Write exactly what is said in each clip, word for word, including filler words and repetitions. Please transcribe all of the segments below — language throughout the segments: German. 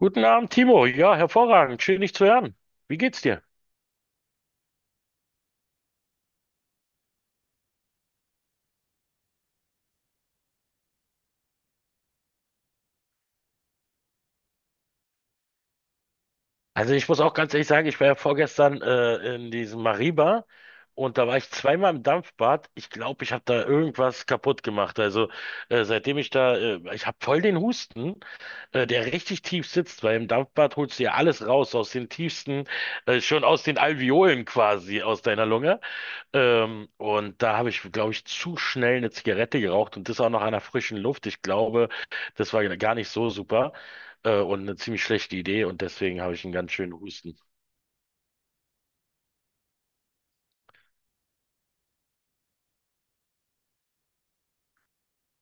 Guten Abend, Timo. Ja, hervorragend. Schön, dich zu hören. Wie geht's dir? Also ich muss auch ganz ehrlich sagen, ich war ja vorgestern äh, in diesem Mariba und da war ich zweimal im Dampfbad. Ich glaube, ich habe da irgendwas kaputt gemacht. Also äh, seitdem ich da, äh, ich habe voll den Husten, äh, der richtig tief sitzt, weil im Dampfbad holst du ja alles raus aus den tiefsten, äh, schon aus den Alveolen quasi aus deiner Lunge. Ähm, und da habe ich, glaube ich, zu schnell eine Zigarette geraucht und das auch noch an der frischen Luft. Ich glaube, das war gar nicht so super äh, und eine ziemlich schlechte Idee, und deswegen habe ich einen ganz schönen Husten.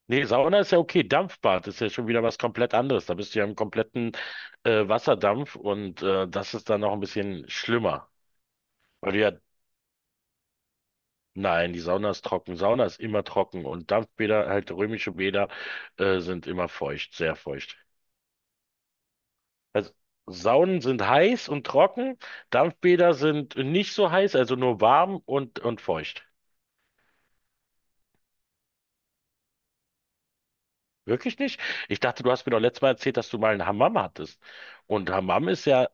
Nee, Sauna ist ja okay. Dampfbad ist ja schon wieder was komplett anderes. Da bist du ja im kompletten äh, Wasserdampf, und äh, das ist dann noch ein bisschen schlimmer. Weil du ja, nein, die Sauna ist trocken. Sauna ist immer trocken, und Dampfbäder, halt römische Bäder, äh, sind immer feucht, sehr feucht. Also Saunen sind heiß und trocken, Dampfbäder sind nicht so heiß, also nur warm und, und feucht. Wirklich nicht? Ich dachte, du hast mir doch letztes Mal erzählt, dass du mal einen Hammam hattest. Und Hammam ist ja,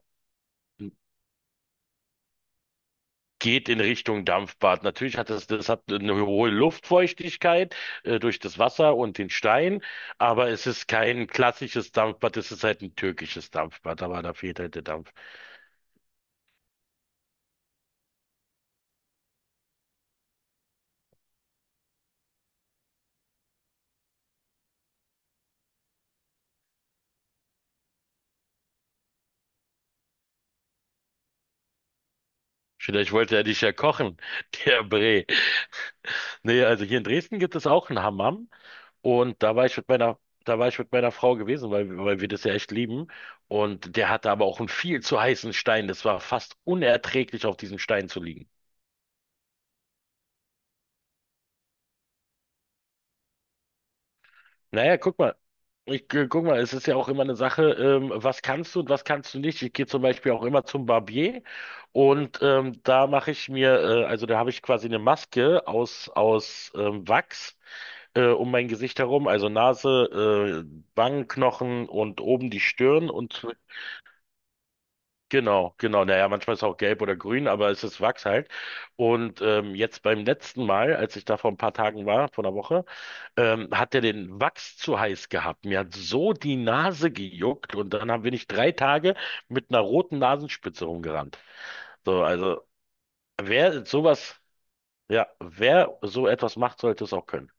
geht in Richtung Dampfbad. Natürlich hat es, das hat eine hohe Luftfeuchtigkeit, äh, durch das Wasser und den Stein, aber es ist kein klassisches Dampfbad, es ist halt ein türkisches Dampfbad, aber da fehlt halt der Dampf. Vielleicht wollte er dich ja kochen, der Bre. Nee, also hier in Dresden gibt es auch einen Hammam. Und da war ich mit meiner, Da war ich mit meiner Frau gewesen, weil, weil wir das ja echt lieben. Und der hatte aber auch einen viel zu heißen Stein. Das war fast unerträglich, auf diesem Stein zu liegen. Naja, guck mal. Ich, äh, guck mal, es ist ja auch immer eine Sache, ähm, was kannst du und was kannst du nicht. Ich gehe zum Beispiel auch immer zum Barbier, und ähm, da mache ich mir, äh, also da habe ich quasi eine Maske aus, aus ähm, Wachs äh, um mein Gesicht herum, also Nase, äh, Wangenknochen und oben die Stirn, und genau, genau. Naja, manchmal ist es auch gelb oder grün, aber es ist Wachs halt. Und ähm, jetzt beim letzten Mal, als ich da vor ein paar Tagen war, vor einer Woche, ähm, hat er den Wachs zu heiß gehabt. Mir hat so die Nase gejuckt, und dann haben wir nicht drei Tage mit einer roten Nasenspitze rumgerannt. So, also wer sowas, ja, wer so etwas macht, sollte es auch können.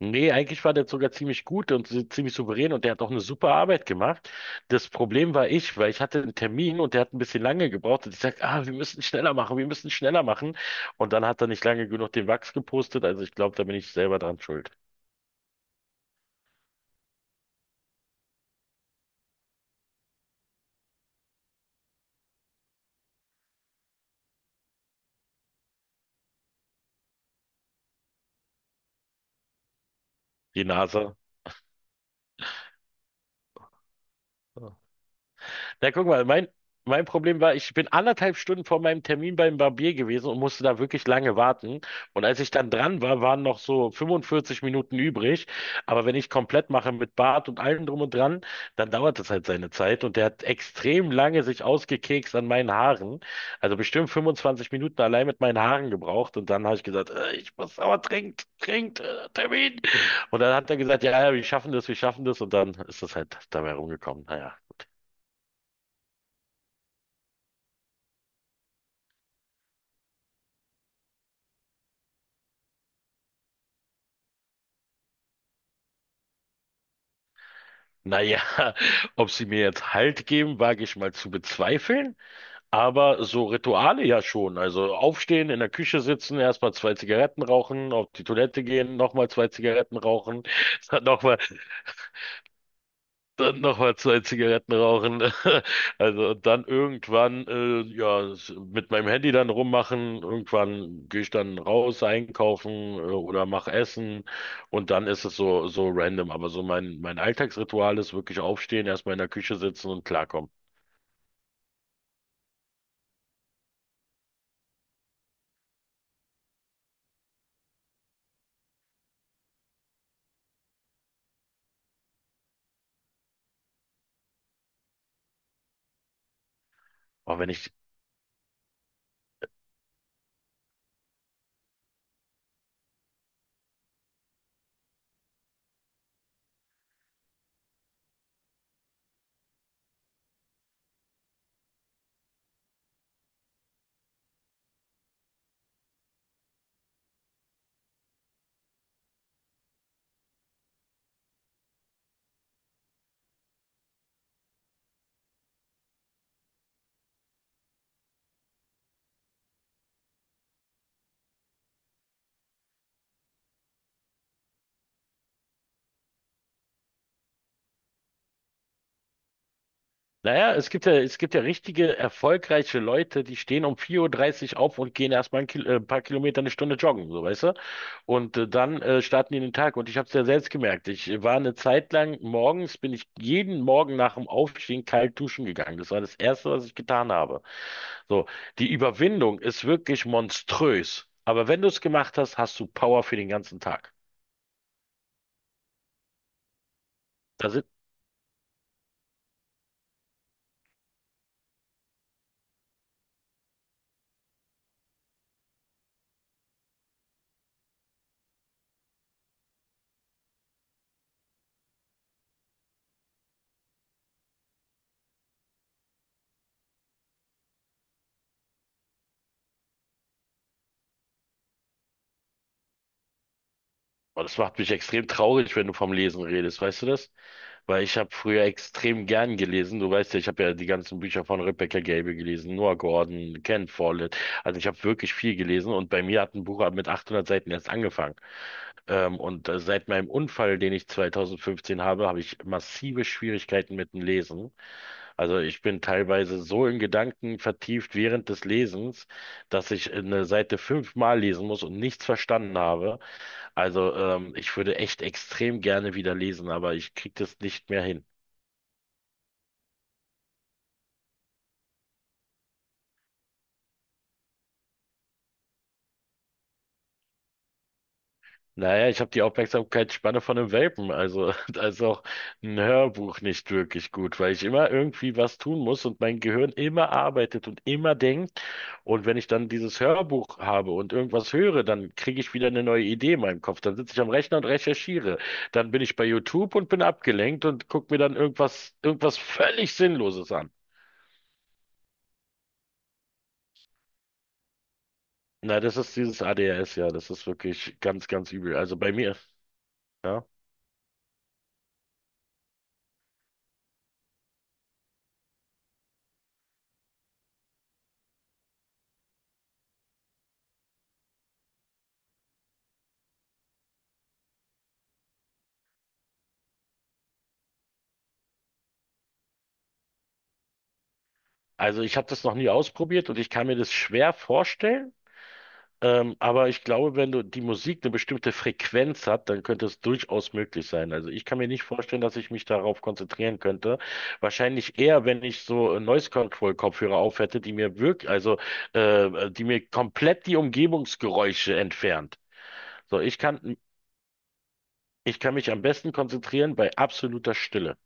Nee, eigentlich war der sogar ziemlich gut und so- ziemlich souverän, und der hat auch eine super Arbeit gemacht. Das Problem war ich, weil ich hatte einen Termin und der hat ein bisschen lange gebraucht, und ich sag, ah, wir müssen schneller machen, wir müssen schneller machen. Und dann hat er nicht lange genug den Wachs gepostet, also ich glaube, da bin ich selber dran schuld. Die Nase. Na, guck mal, mein, mein Problem war, ich bin anderthalb Stunden vor meinem Termin beim Barbier gewesen und musste da wirklich lange warten. Und als ich dann dran war, waren noch so fünfundvierzig Minuten übrig. Aber wenn ich komplett mache mit Bart und allem drum und dran, dann dauert das halt seine Zeit. Und der hat extrem lange sich ausgekekst an meinen Haaren. Also bestimmt fünfundzwanzig Minuten allein mit meinen Haaren gebraucht. Und dann habe ich gesagt, äh, ich muss aber trinkt, trinkt, äh, Termin. Und dann hat er gesagt, ja, ja, wir schaffen das, wir schaffen das. Und dann ist das halt dabei rumgekommen. Naja. Naja, ob sie mir jetzt Halt geben, wage ich mal zu bezweifeln. Aber so Rituale ja schon. Also aufstehen, in der Küche sitzen, erstmal zwei Zigaretten rauchen, auf die Toilette gehen, nochmal zwei Zigaretten rauchen, dann nochmal. Dann nochmal zwei Zigaretten rauchen. Also, und dann irgendwann, äh, ja, s- mit meinem Handy dann rummachen. Irgendwann gehe ich dann raus einkaufen, äh, oder mach Essen. Und dann ist es so, so random. Aber so mein, mein Alltagsritual ist wirklich aufstehen, erstmal in der Küche sitzen und klarkommen. Aber wenn ich, naja, es gibt ja, es gibt ja richtige, erfolgreiche Leute, die stehen um vier Uhr dreißig auf und gehen erstmal ein, Kil äh, ein paar Kilometer eine Stunde joggen, so weißt du? Und äh, dann äh, starten die in den Tag. Und ich habe es ja selbst gemerkt. Ich äh, war eine Zeit lang morgens, bin ich jeden Morgen nach dem Aufstehen kalt duschen gegangen. Das war das Erste, was ich getan habe. So, die Überwindung ist wirklich monströs. Aber wenn du es gemacht hast, hast du Power für den ganzen Tag. Da sind, oh, das macht mich extrem traurig, wenn du vom Lesen redest. Weißt du das? Weil ich habe früher extrem gern gelesen. Du weißt ja, ich habe ja die ganzen Bücher von Rebecca Gable gelesen, Noah Gordon, Ken Follett. Also ich habe wirklich viel gelesen, und bei mir hat ein Buch mit achthundert Seiten erst angefangen. Ähm, und äh, seit meinem Unfall, den ich zwanzig fünfzehn habe, habe ich massive Schwierigkeiten mit dem Lesen. Also ich bin teilweise so in Gedanken vertieft während des Lesens, dass ich eine Seite fünfmal lesen muss und nichts verstanden habe. Also, ähm, ich würde echt extrem gerne wieder lesen, aber ich krieg das nicht mehr hin. Naja, ich habe die Aufmerksamkeitsspanne von einem Welpen, also da ist auch ein Hörbuch nicht wirklich gut, weil ich immer irgendwie was tun muss und mein Gehirn immer arbeitet und immer denkt. Und wenn ich dann dieses Hörbuch habe und irgendwas höre, dann kriege ich wieder eine neue Idee in meinem Kopf. Dann sitze ich am Rechner und recherchiere. Dann bin ich bei YouTube und bin abgelenkt und gucke mir dann irgendwas, irgendwas völlig Sinnloses an. Na, das ist dieses A D H S, ja, das ist wirklich ganz, ganz übel. Also bei mir, ja. Also ich habe das noch nie ausprobiert, und ich kann mir das schwer vorstellen. Ähm, aber ich glaube, wenn du die Musik eine bestimmte Frequenz hat, dann könnte es durchaus möglich sein. Also ich kann mir nicht vorstellen, dass ich mich darauf konzentrieren könnte. Wahrscheinlich eher, wenn ich so äh, Noise Control Kopfhörer auf hätte, die mir wirklich, also äh, die mir komplett die Umgebungsgeräusche entfernt. So, ich kann, ich kann mich am besten konzentrieren bei absoluter Stille.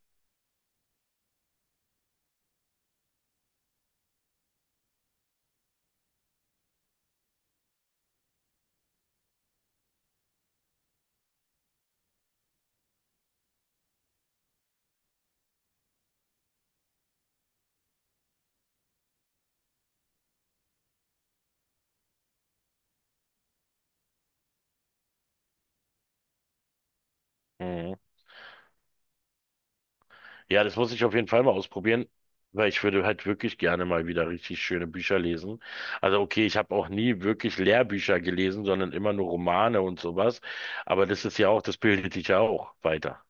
Mhm. Ja, das muss ich auf jeden Fall mal ausprobieren, weil ich würde halt wirklich gerne mal wieder richtig schöne Bücher lesen. Also okay, ich habe auch nie wirklich Lehrbücher gelesen, sondern immer nur Romane und sowas. Aber das ist ja auch, das bildet dich ja auch weiter.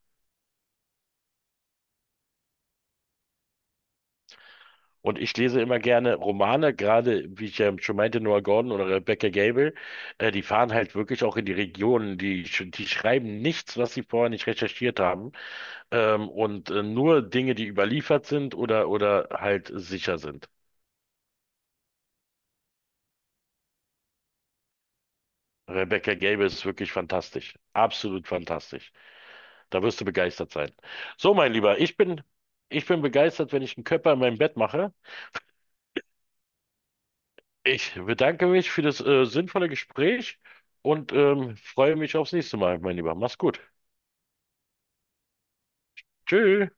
Und ich lese immer gerne Romane, gerade wie ich ja schon meinte, Noah Gordon oder Rebecca Gable, äh, die fahren halt wirklich auch in die Regionen, die, sch- die schreiben nichts, was sie vorher nicht recherchiert haben, ähm, und äh, nur Dinge, die überliefert sind oder, oder halt sicher sind. Rebecca Gable ist wirklich fantastisch. Absolut fantastisch. Da wirst du begeistert sein. So, mein Lieber, ich bin, ich bin begeistert, wenn ich einen Körper in meinem Bett mache. Ich bedanke mich für das äh, sinnvolle Gespräch und ähm, freue mich aufs nächste Mal, mein Lieber. Mach's gut. Tschüss.